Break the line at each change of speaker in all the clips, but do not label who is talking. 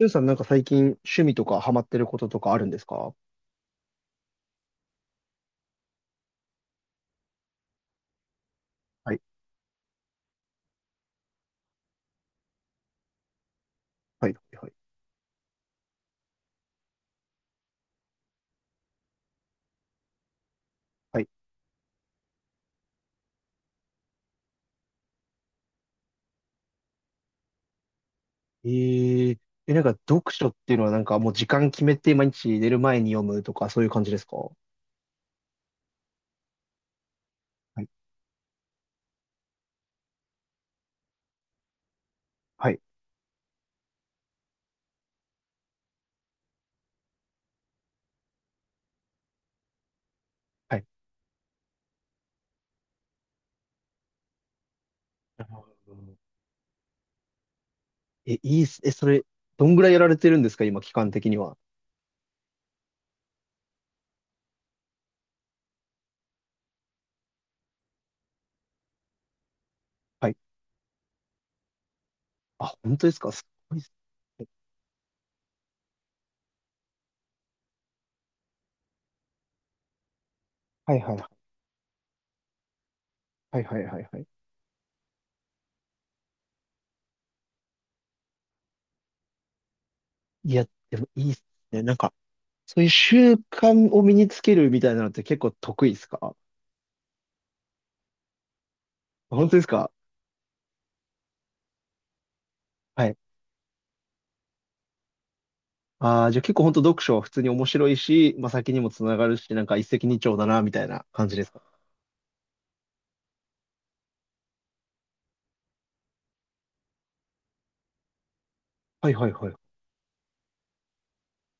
ゆうさんなんか最近趣味とかハマってることとかあるんですか？はい、はい、はい、はい。えー、え、なんか読書っていうのはなんかもう時間決めて毎日寝る前に読むとかそういう感じですか？はい、はい、はい。なるほど。え、いいっす。え、それ、どんぐらいやられてるんですか今、期間的には。はい。あ、本当ですか？すごいっすね。はい、はい、はい、はい、はい、はい。いや、でもいいっすね。なんか、そういう習慣を身につけるみたいなのって結構得意っすか？本当ですか？はい。ああ、じゃあ結構本当読書は普通に面白いし、まあ、先にもつながるし、なんか一石二鳥だな、みたいな感じですか。はい、はい、はい。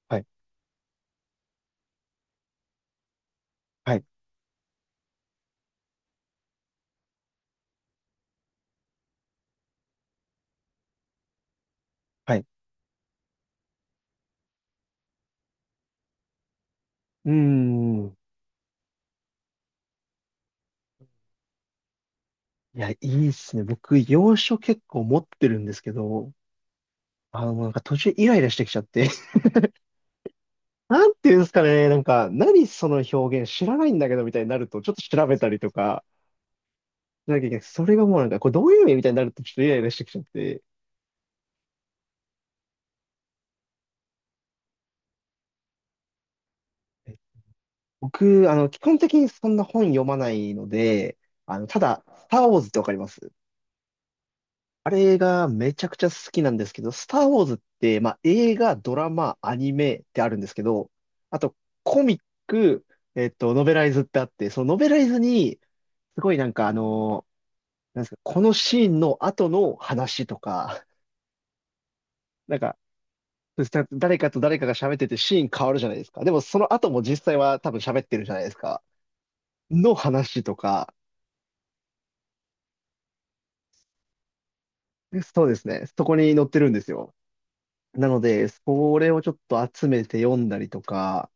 はい、はい、はい。うーん。いや、いいっすね。僕、洋書結構持ってるんですけど、もうなんか途中イライラしてきちゃって、なんていうんですかね、なんか、何その表現知らないんだけど、みたいになると、ちょっと調べたりとか、しなきゃいけない。それがもうなんか、これどういう意味みたいになると、ちょっとイライラしてきちゃって、僕、基本的にそんな本読まないので、ただ、スター・ウォーズってわかります？あれがめちゃくちゃ好きなんですけど、スター・ウォーズって、まあ、映画、ドラマ、アニメってあるんですけど、あとコミック、ノベライズってあって、そのノベライズに、すごいなんかなんですか、このシーンの後の話とか、なんか、誰かと誰かが喋っててシーン変わるじゃないですか。でもその後も実際は多分喋ってるじゃないですか。の話とか、そうですね、そこに載ってるんですよ。なので、それをちょっと集めて読んだりとか、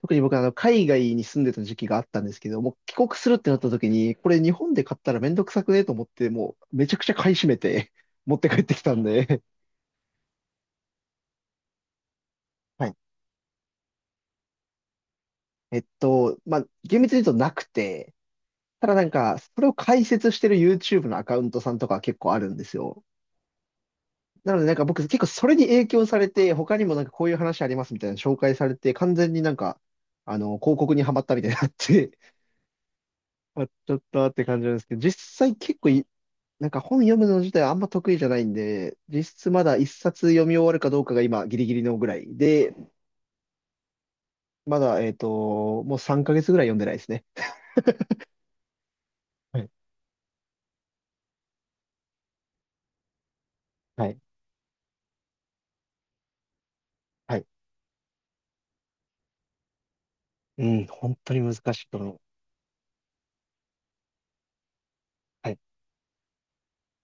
特に僕は海外に住んでた時期があったんですけど、もう帰国するってなった時に、これ日本で買ったらめんどくさくねと思って、もうめちゃくちゃ買い占めて 持って帰ってきたんで。はい。まあ、厳密に言うとなくて、ただなんか、それを解説してる YouTube のアカウントさんとかは結構あるんですよ。なのでなんか僕結構それに影響されて、他にもなんかこういう話ありますみたいな紹介されて、完全になんか、広告にはまったみたいになって、あ、ちょっとって感じなんですけど、実際結構い、なんか本読むの自体はあんま得意じゃないんで、実質まだ一冊読み終わるかどうかが今ギリギリのぐらいで、まだ、もう3ヶ月ぐらい読んでないですね。はい、はい、はい。うん、本当に難しいと思う。はい、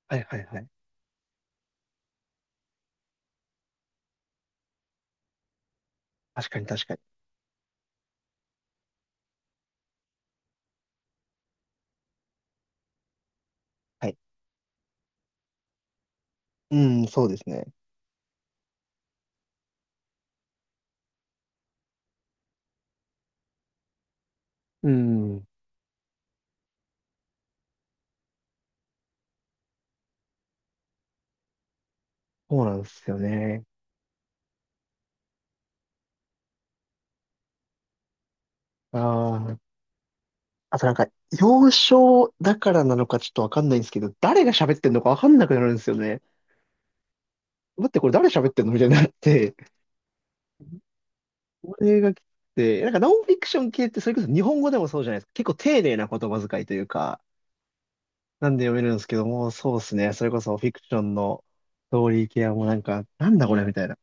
はい、はい、はい。確かに、確かに。はい。うん、そうですね。うん、そうなんですよね。ああ、あとなんか、幼少だからなのかちょっとわかんないんですけど、誰が喋ってんのかわかんなくなるんですよね。待って、これ誰喋ってんのみたいになって、これがきつくて、なんかノンフィクション系ってそれこそ日本語でもそうじゃないですか。結構丁寧な言葉遣いというか、なんで読めるんですけども、そうですね。それこそフィクションのストーリー系はもうなんか、なんだこれみたいな。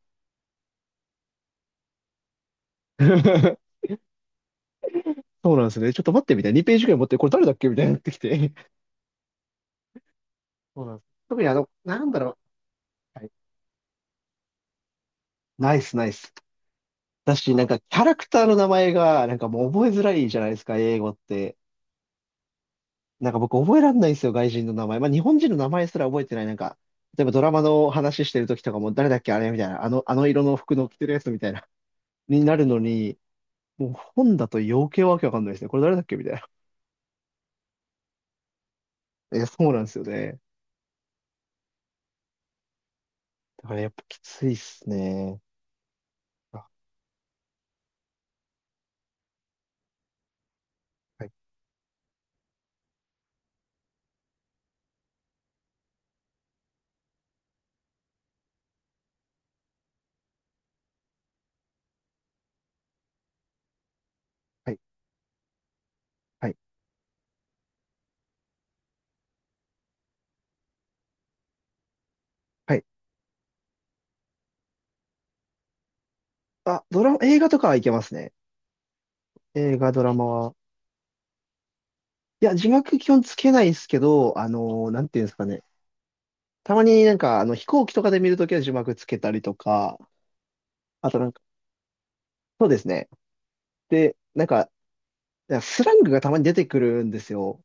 そうなんですね。ちょっと待ってみたいな。2ページくらい持って、これ誰だっけみたいになってきて。そうなんです。特になんだろう。はい。ナイスナイス。だし、なんかキャラクターの名前が、なんかもう覚えづらいじゃないですか、英語って。なんか僕覚えらんないんですよ、外人の名前。まあ日本人の名前すら覚えてない。なんか、例えばドラマの話してる時とかも誰だっけあれみたいな。あの色の服の着てるやつみたいな。になるのに、もう本だと余計わけわかんないですね。これ誰だっけみたいな。え、そうなんですよね。だからやっぱきついっすね。あ、はい、はい、はい、はい。あ、ドラマ、映画とかはいけますね。映画、ドラマは。いや、字幕基本つけないですけど、なんていうんですかね。たまになんか、飛行機とかで見るときは字幕つけたりとか、あとなんか、そうですね。で、なんか、スラングがたまに出てくるんですよ。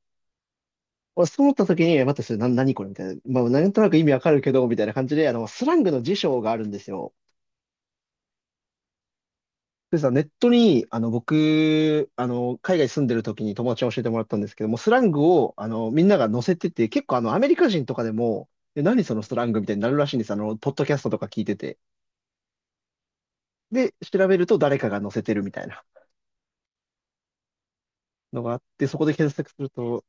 俺、そう思った時に、え待って、それ、何これみたいな。まあ、なんとなく意味わかるけど、みたいな感じで、スラングの辞書があるんですよ。でさ、ネットに、僕、海外住んでる時に友達に教えてもらったんですけども、スラングを、みんなが載せてて、結構、アメリカ人とかでも、え、何そのスラングみたいになるらしいんです。ポッドキャストとか聞いてて。で、調べると誰かが載せてるみたいなのがあって、そこで検索すると、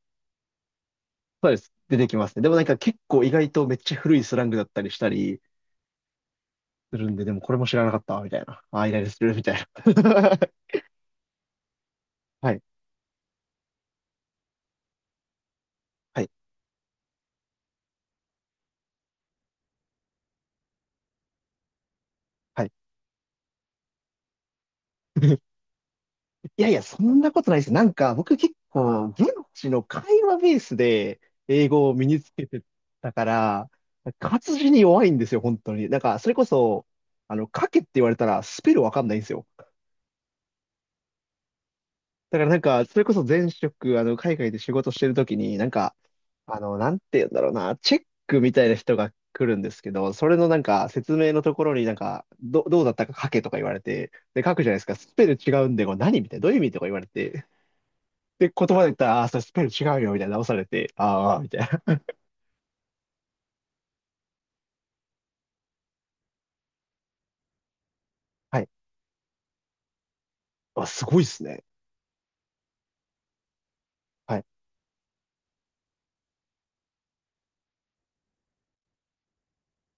そうです。出てきますね。でもなんか結構意外とめっちゃ古いスラングだったりしたりするんで、でもこれも知らなかった、みたいな。ああ、イライラする、みたいな。はい、はい、はい。いやいや、そんなことないです。なんか僕結構、現地の会話ベースで英語を身につけてたから、活字に弱いんですよ、本当に。なんか、それこそ、書けって言われたらスペルわかんないんですよ。だからなんか、それこそ前職、海外で仕事してるときに、なんか、なんて言うんだろうな、チェックみたいな人が来るんですけど、それのなんか、説明のところになんか、どうだったか書けとか言われて、で、書くじゃないですか、スペル違うんで、これ何みたいな、どういう意味とか言われて、で、言葉で言ったら、ああー、それスペル違うよ、みたいな直されて、ああみたいな。はい。あ、すごいっすね。はい。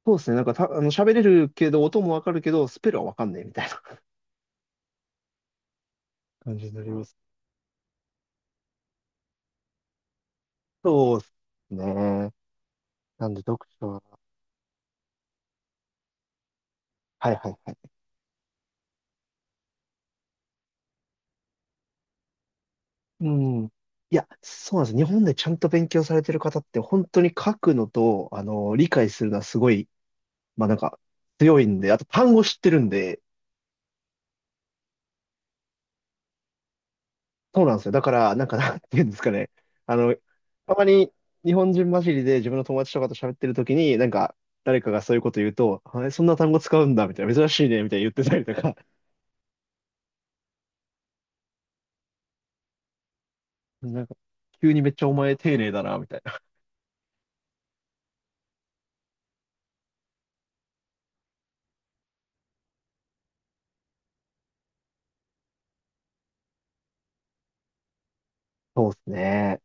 そうですね。なんかた、あの、喋れるけど、音もわかるけど、スペルはわかんないみたいな 感じになります。そうですね。なんで、読書は、はい、はい、はい。うん。いや、そうなんです。日本でちゃんと勉強されてる方って本当に書くのと、理解するのはすごい、まあなんか強いんで、あと単語知ってるんで、そうなんですよ。だから、なんかなんていうんですかね。あの、たまに日本人混じりで自分の友達とかと喋ってる時に、なんか誰かがそういうこと言うと、あそんな単語使うんだ、みたいな、珍しいね、みたいな言ってたりとか、なんか急にめっちゃお前丁寧だな、みたいな。そうですね。